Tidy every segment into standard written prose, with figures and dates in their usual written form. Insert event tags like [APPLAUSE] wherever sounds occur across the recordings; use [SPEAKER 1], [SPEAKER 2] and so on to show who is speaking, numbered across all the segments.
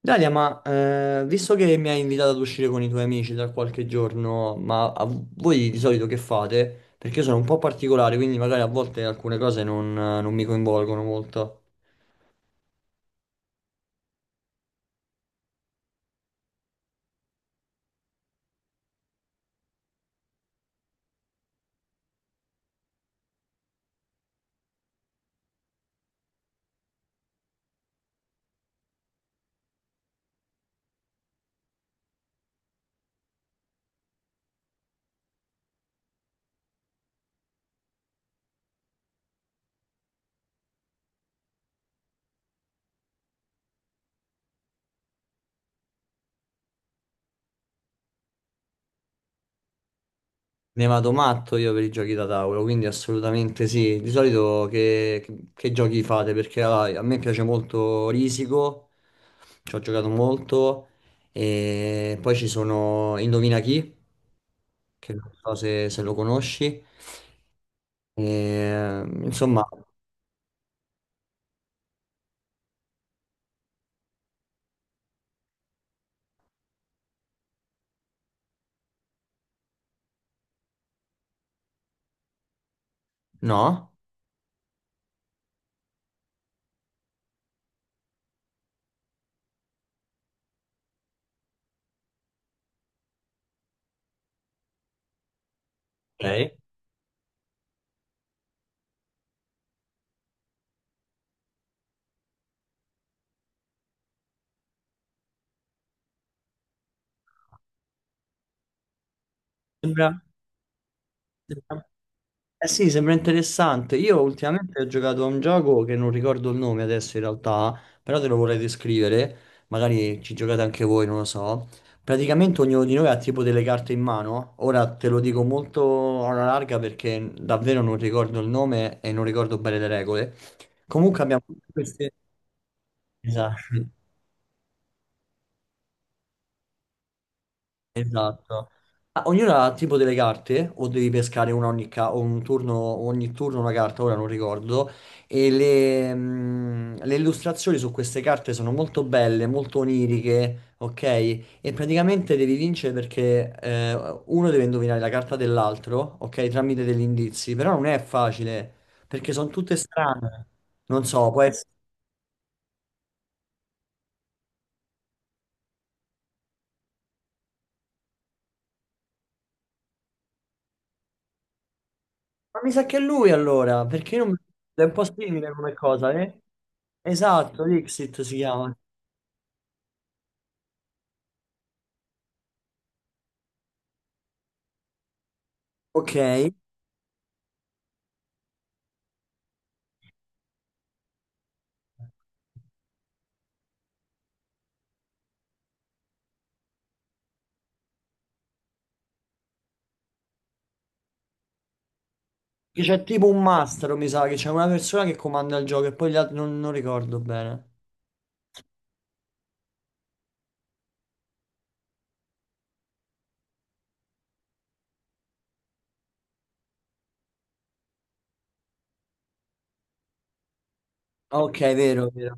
[SPEAKER 1] Dalia, ma visto che mi hai invitato ad uscire con i tuoi amici tra qualche giorno, ma voi di solito che fate? Perché io sono un po' particolare, quindi magari a volte alcune cose non mi coinvolgono molto. Ne vado matto io per i giochi da tavolo, quindi assolutamente sì. Di solito che giochi fate? Perché ah, a me piace molto Risico, ci ho giocato molto, e poi ci sono Indovina chi, che non so se lo conosci. E, insomma, no? Ok. Sembra, sembra- eh sì, sembra interessante. Io ultimamente ho giocato a un gioco che non ricordo il nome adesso in realtà, però te lo vorrei descrivere, magari ci giocate anche voi, non lo so. Praticamente ognuno di noi ha tipo delle carte in mano. Ora te lo dico molto alla larga perché davvero non ricordo il nome e non ricordo bene le regole. Comunque abbiamo queste. Esatto. Esatto. Ah, ognuno ha tipo delle carte, o devi pescare una o un turno, ogni turno una carta, ora non ricordo. E le illustrazioni su queste carte sono molto belle, molto oniriche, ok? E praticamente devi vincere perché uno deve indovinare la carta dell'altro, ok? Tramite degli indizi, però non è facile, perché sono tutte strane. Non so, può essere. Ma mi sa che è lui allora, perché io non. È un po' simile come cosa, eh? Esatto, Dixit si chiama. Ok, che c'è tipo un mastro, mi sa, che c'è una persona che comanda il gioco e poi gli altri non ricordo bene. Ok, vero, vero.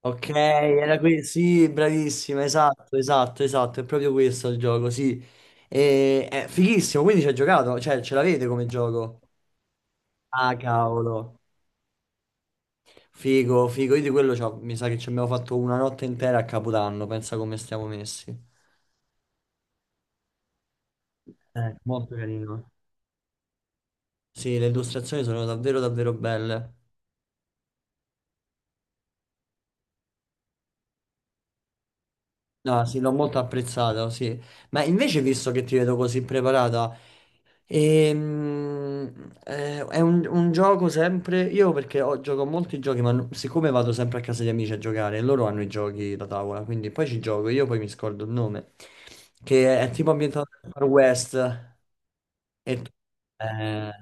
[SPEAKER 1] Ok, era questo, sì, bravissima, esatto, esatto, esatto, è proprio questo il gioco, sì. E, è fighissimo, quindi ci hai giocato, cioè ce l'avete come gioco? Ah, cavolo. Figo, figo, io di quello mi sa che ci abbiamo fatto una notte intera a Capodanno, pensa come stiamo messi. Molto carino. Sì, le illustrazioni sono davvero davvero belle. No, sì, l'ho molto apprezzata, sì. Ma invece, visto che ti vedo così preparata, è un gioco sempre. Io perché gioco a molti giochi, ma siccome vado sempre a casa di amici a giocare, e loro hanno i giochi da tavola, quindi poi ci gioco, io poi mi scordo il nome, che è tipo ambientato nel Far West. E tu- eh,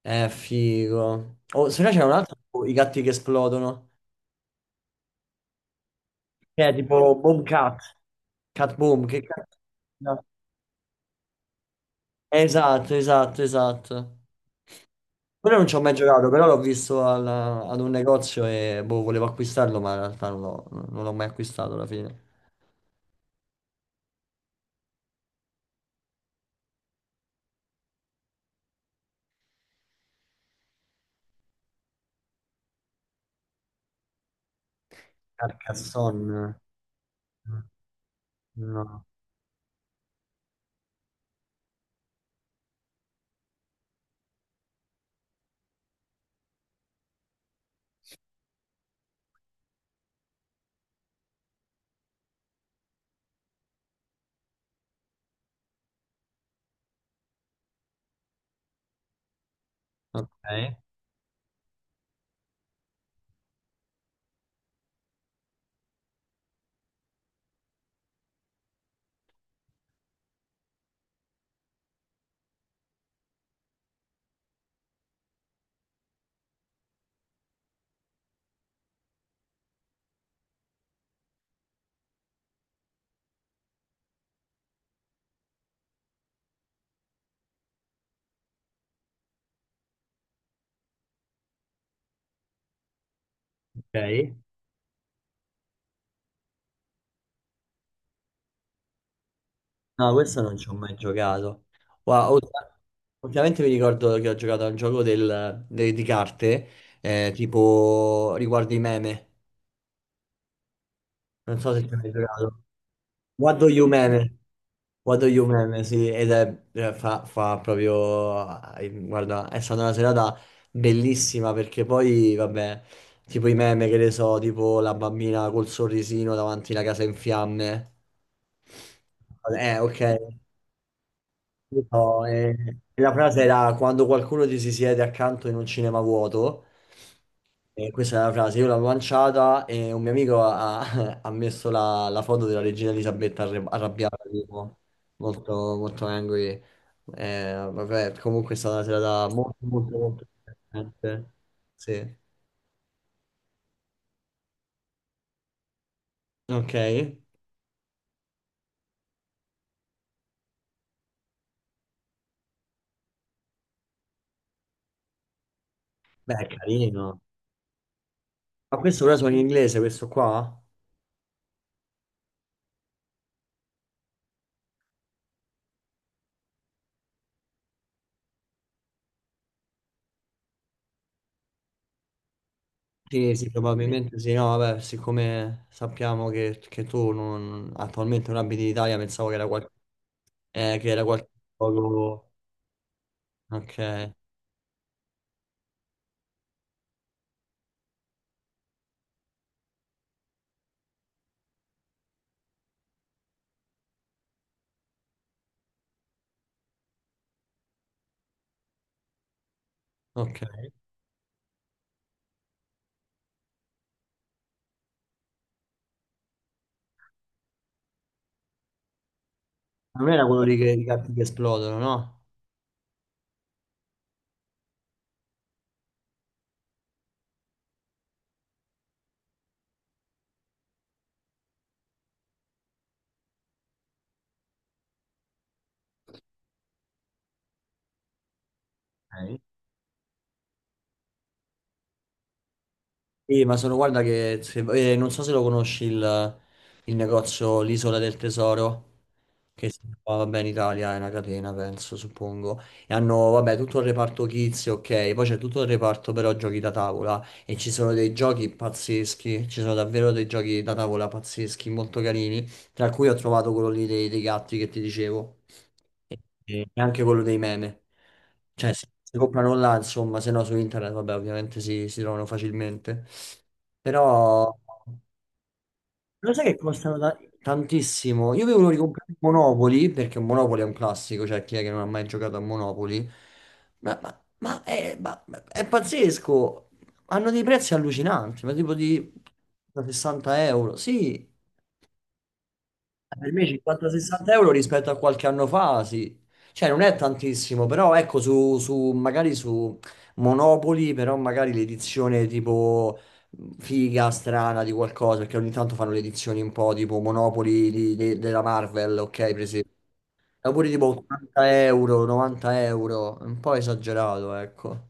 [SPEAKER 1] è figo. Oh, se no c'è un altro, tipo, i gatti che esplodono, che è tipo Boom Cat, Cat Boom, no. Esatto, esatto, esatto. Quello non ci ho mai giocato, però l'ho visto ad un negozio e boh, volevo acquistarlo, ma in realtà non l'ho mai acquistato alla fine. Carcassonne? No. Ok. Ok. No, questo non ci ho mai giocato. Wow, ultimamente mi ricordo che ho giocato a un gioco di carte, tipo riguardo i meme. Non so se ci hai mai giocato. What do you meme? What do you meme, sì, ed è, fa proprio. Guarda, è stata una serata bellissima perché poi, vabbè, tipo i meme che ne so, tipo la bambina col sorrisino davanti alla casa in fiamme. Ok. No, e la frase era quando qualcuno ti si siede accanto in un cinema vuoto. E questa è la frase, io l'ho lanciata e un mio amico ha, [LAUGHS] ha messo la foto della regina Elisabetta arrabbiata, tipo, molto, molto angry. Vabbè, comunque è stata una serata molto, molto, molto divertente. Sì. Ok. Beh, è carino. Ma questo ora sono in inglese, questo qua? Sì, sì, probabilmente sì, no, vabbè, siccome sappiamo che tu attualmente non abiti in Italia, pensavo che era qualche poco. Ok, ok. Non era quello lì che i gatti che esplodono, no? Ok. Sì, ma sono, guarda che, non so se lo conosci il negozio, l'Isola del Tesoro. Che si trova, vabbè, in Italia è una catena, penso, suppongo. E hanno, vabbè, tutto il reparto kids, ok, poi c'è tutto il reparto però giochi da tavola e ci sono dei giochi pazzeschi, ci sono davvero dei giochi da tavola pazzeschi, molto carini, tra cui ho trovato quello lì dei gatti che ti dicevo e e anche quello dei meme. Cioè, si comprano là, insomma, se no su internet, vabbè, ovviamente si trovano facilmente. Però. Lo sai che costano tantissimo? Io avevo ricomprato il Monopoli, perché Monopoli è un classico, cioè chi è che non ha mai giocato a Monopoli? Ma è pazzesco! Hanno dei prezzi allucinanti, ma tipo di da 60 euro. Sì, per me 50-60 euro rispetto a qualche anno fa, sì. Cioè non è tantissimo, però ecco, magari su Monopoli, però magari l'edizione tipo figa, strana di qualcosa, perché ogni tanto fanno le edizioni un po' tipo Monopoli della Marvel, ok, per esempio. Oppure tipo 80 euro, 90 euro, un po' esagerato, ecco.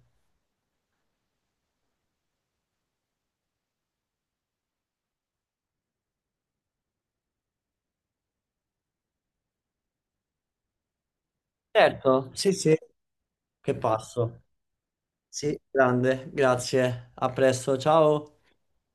[SPEAKER 1] Certo, sì, sì, che passo. Sì, grande, grazie. A presto, ciao.